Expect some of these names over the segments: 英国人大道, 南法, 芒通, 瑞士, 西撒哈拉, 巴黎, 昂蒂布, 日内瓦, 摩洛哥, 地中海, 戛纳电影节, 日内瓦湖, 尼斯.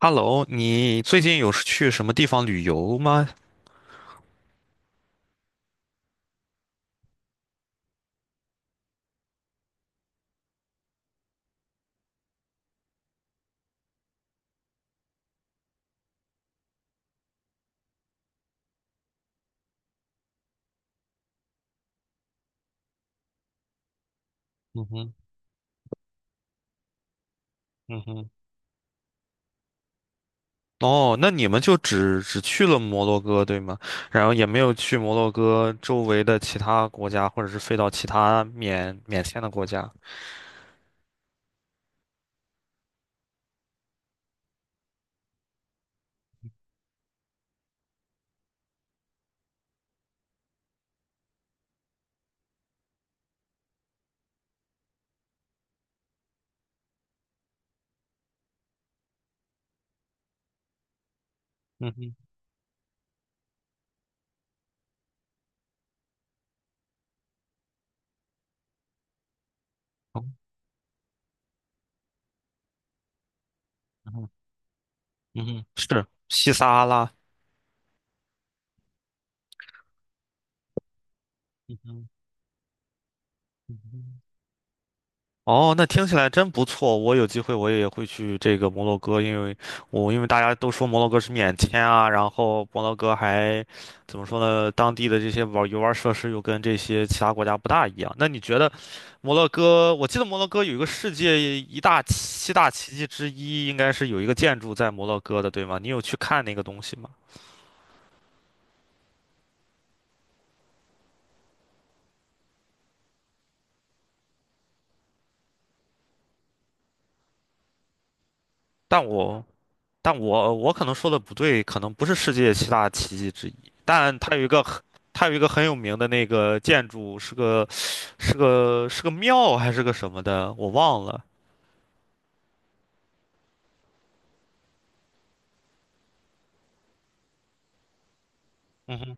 Hello，你最近有去什么地方旅游吗？嗯哼。嗯哼。哦，那你们就只去了摩洛哥，对吗？然后也没有去摩洛哥周围的其他国家，或者是飞到其他免签的国家。嗯哼。哦。嗯哼。嗯哼，是西撒哈拉。嗯哼。嗯哼。哦，那听起来真不错。我有机会我也会去这个摩洛哥，因为大家都说摩洛哥是免签啊，然后摩洛哥还怎么说呢？当地的这些游玩设施又跟这些其他国家不大一样。那你觉得摩洛哥？我记得摩洛哥有一个世界一大奇七大奇迹之一，应该是有一个建筑在摩洛哥的，对吗？你有去看那个东西吗？但我但我可能说的不对，可能不是世界七大奇迹之一，但它有一个很有名的那个建筑，是个是个是个庙还是个什么的，我忘了。嗯哼。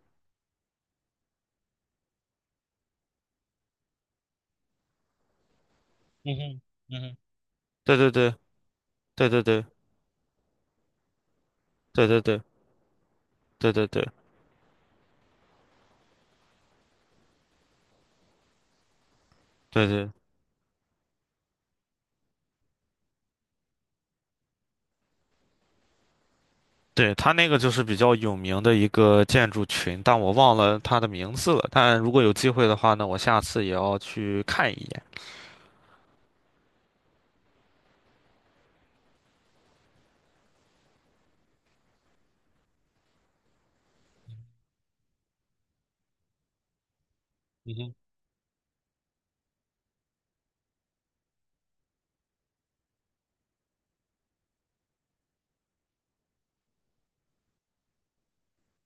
嗯哼。嗯哼。对对对对对对对对对对对对对对对。它那个就是比较有名的一个建筑群，但我忘了它的名字了。但如果有机会的话呢，我下次也要去看一眼。嗯哼。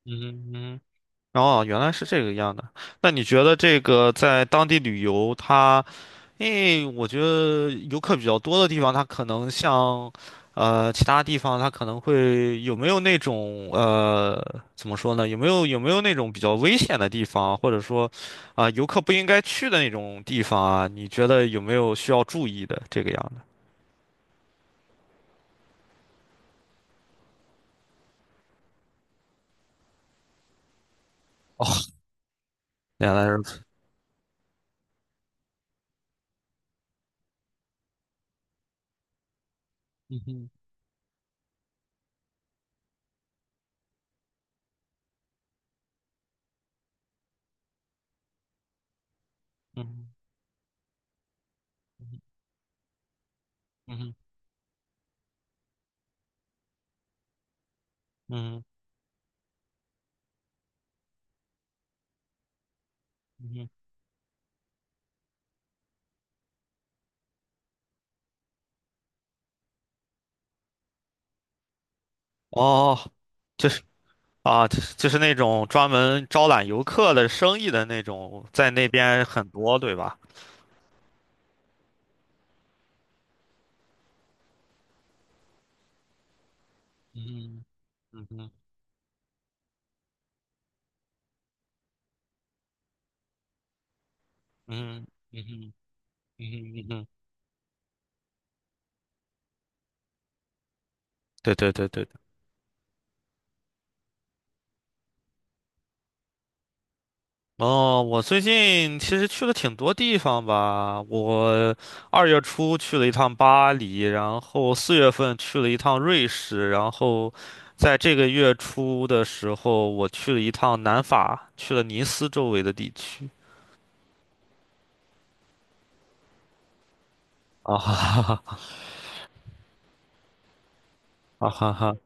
嗯哼。嗯哼。哦，原来是这个样的。那你觉得这个在当地旅游，它，因为我觉得游客比较多的地方，它可能像，其他地方它可能会有没有那种怎么说呢？有没有那种比较危险的地方，或者说，啊、游客不应该去的那种地方啊？你觉得有没有需要注意的这个样的？哦，原来如此。嗯嗯嗯嗯嗯嗯。哦，这是。啊，就是那种专门招揽游客的生意的那种，在那边很多，对吧？嗯哼。嗯哼。嗯哼。嗯哼。嗯哼。对对对对对。哦，我最近其实去了挺多地方吧。我2月初去了一趟巴黎，然后4月份去了一趟瑞士，然后在这个月初的时候，我去了一趟南法，去了尼斯周围的地区。啊哈哈哈，啊哈哈，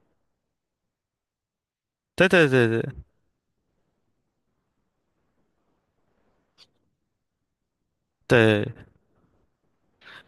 对对对对对。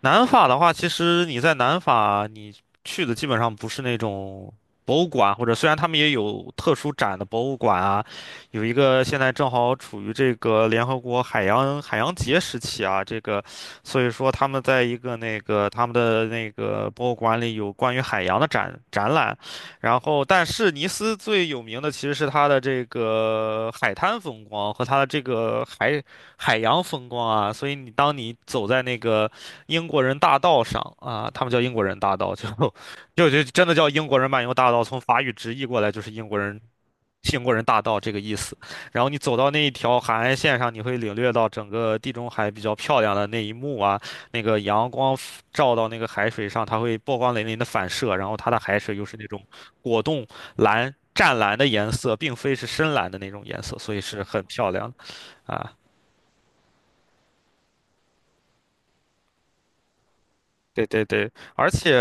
南法的话，其实你在南法，你去的基本上不是那种博物馆，或者虽然他们也有特殊展的博物馆啊，有一个现在正好处于这个联合国海洋节时期啊，这个，所以说他们在一个那个他们的那个博物馆里有关于海洋的展览，然后但是尼斯最有名的其实是它的这个海滩风光和它的这个海洋风光啊，所以你当你走在那个。英国人大道上啊，他们叫英国人大道，就 就真的叫英国人漫游大道，从法语直译过来就是英国人大道这个意思。然后你走到那一条海岸线上，你会领略到整个地中海比较漂亮的那一幕啊，那个阳光 照到那个海水上，它会波光粼粼的反射，然后它的海水又是那种果冻蓝。湛蓝的颜色，并非是深蓝的那种颜色，所以是很漂亮的啊。对对对。而且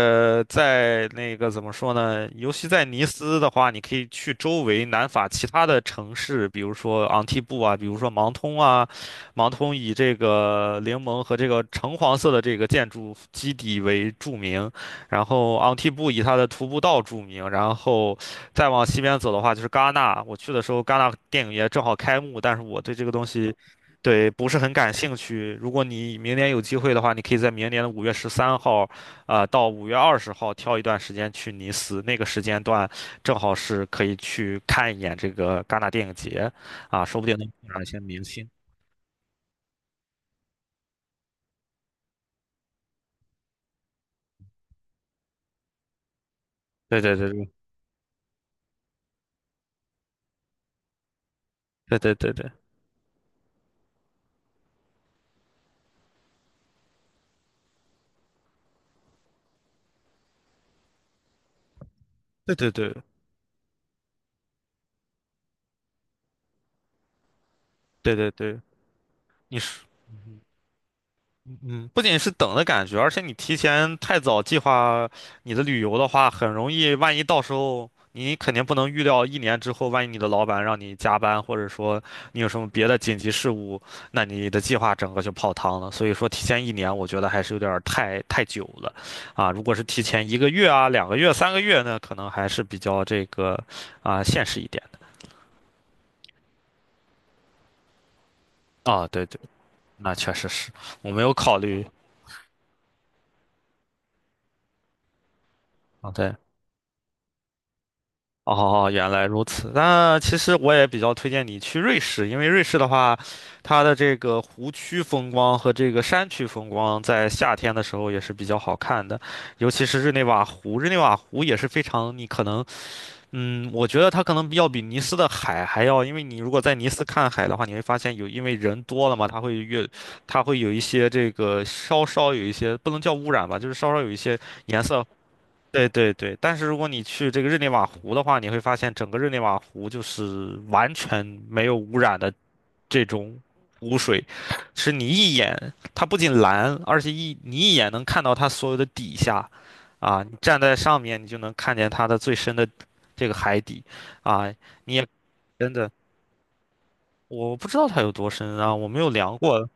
在那个怎么说呢？尤其在尼斯的话，你可以去周围南法其他的城市，比如说昂蒂布啊，比如说芒通啊。芒通以这个柠檬和这个橙黄色的这个建筑基底为著名，然后昂蒂布以它的徒步道著名，然后再往西边走的话就是戛纳。我去的时候，戛纳电影节正好开幕，但是我对这个东西，对，不是很感兴趣。如果你明年有机会的话，你可以在明年的5月13号，到5月20号挑一段时间去尼斯，那个时间段正好是可以去看一眼这个戛纳电影节，啊，说不定能碰上一些明星。对对对对对对对对对对对对对，你是。嗯,不仅是等的感觉，而且你提前太早计划你的旅游的话，很容易，万一到时候你肯定不能预料一年之后，万一你的老板让你加班，或者说你有什么别的紧急事务，那你的计划整个就泡汤了。所以说，提前一年，我觉得还是有点儿太久了，啊，如果是提前一个月啊、2个月、3个月呢，可能还是比较这个啊现实一点的。啊，对对，那确实是我没有考虑啊，对。哦，哦哦原来如此。那其实我也比较推荐你去瑞士，因为瑞士的话，它的这个湖区风光和这个山区风光，在夏天的时候也是比较好看的，尤其是日内瓦湖。日内瓦湖也是非常，你可能，我觉得它可能要比尼斯的海还要，因为你如果在尼斯看海的话，你会发现有，因为人多了嘛，它会有一些这个稍稍有一些，不能叫污染吧，就是稍稍有一些颜色。对对对。但是如果你去这个日内瓦湖的话，你会发现整个日内瓦湖就是完全没有污染的这种湖水，是你一眼，它不仅蓝，而且你一眼能看到它所有的底下，啊，你站在上面你就能看见它的最深的这个海底，啊，你也真的我不知道它有多深啊，我没有量过，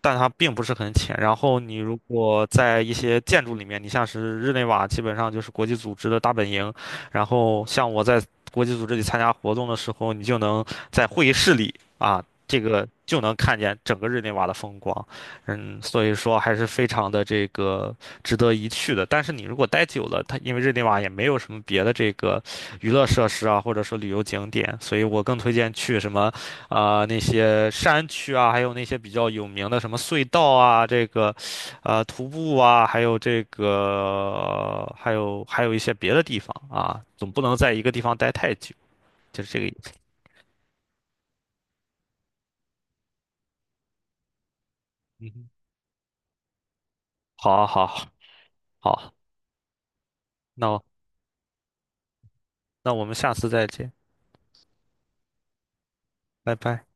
但它并不是很浅。然后你如果在一些建筑里面，你像是日内瓦，基本上就是国际组织的大本营。然后像我在国际组织里参加活动的时候，你就能在会议室里啊，这个就能看见整个日内瓦的风光。嗯，所以说还是非常的这个值得一去的。但是你如果待久了，它因为日内瓦也没有什么别的这个娱乐设施啊，或者说旅游景点，所以我更推荐去什么。啊、那些山区啊，还有那些比较有名的什么隧道啊，这个，徒步啊，还有这个，还有一些别的地方啊，总不能在一个地方待太久，就是这个意思。嗯哼。好，好，好，那我那我们下次再见，拜拜。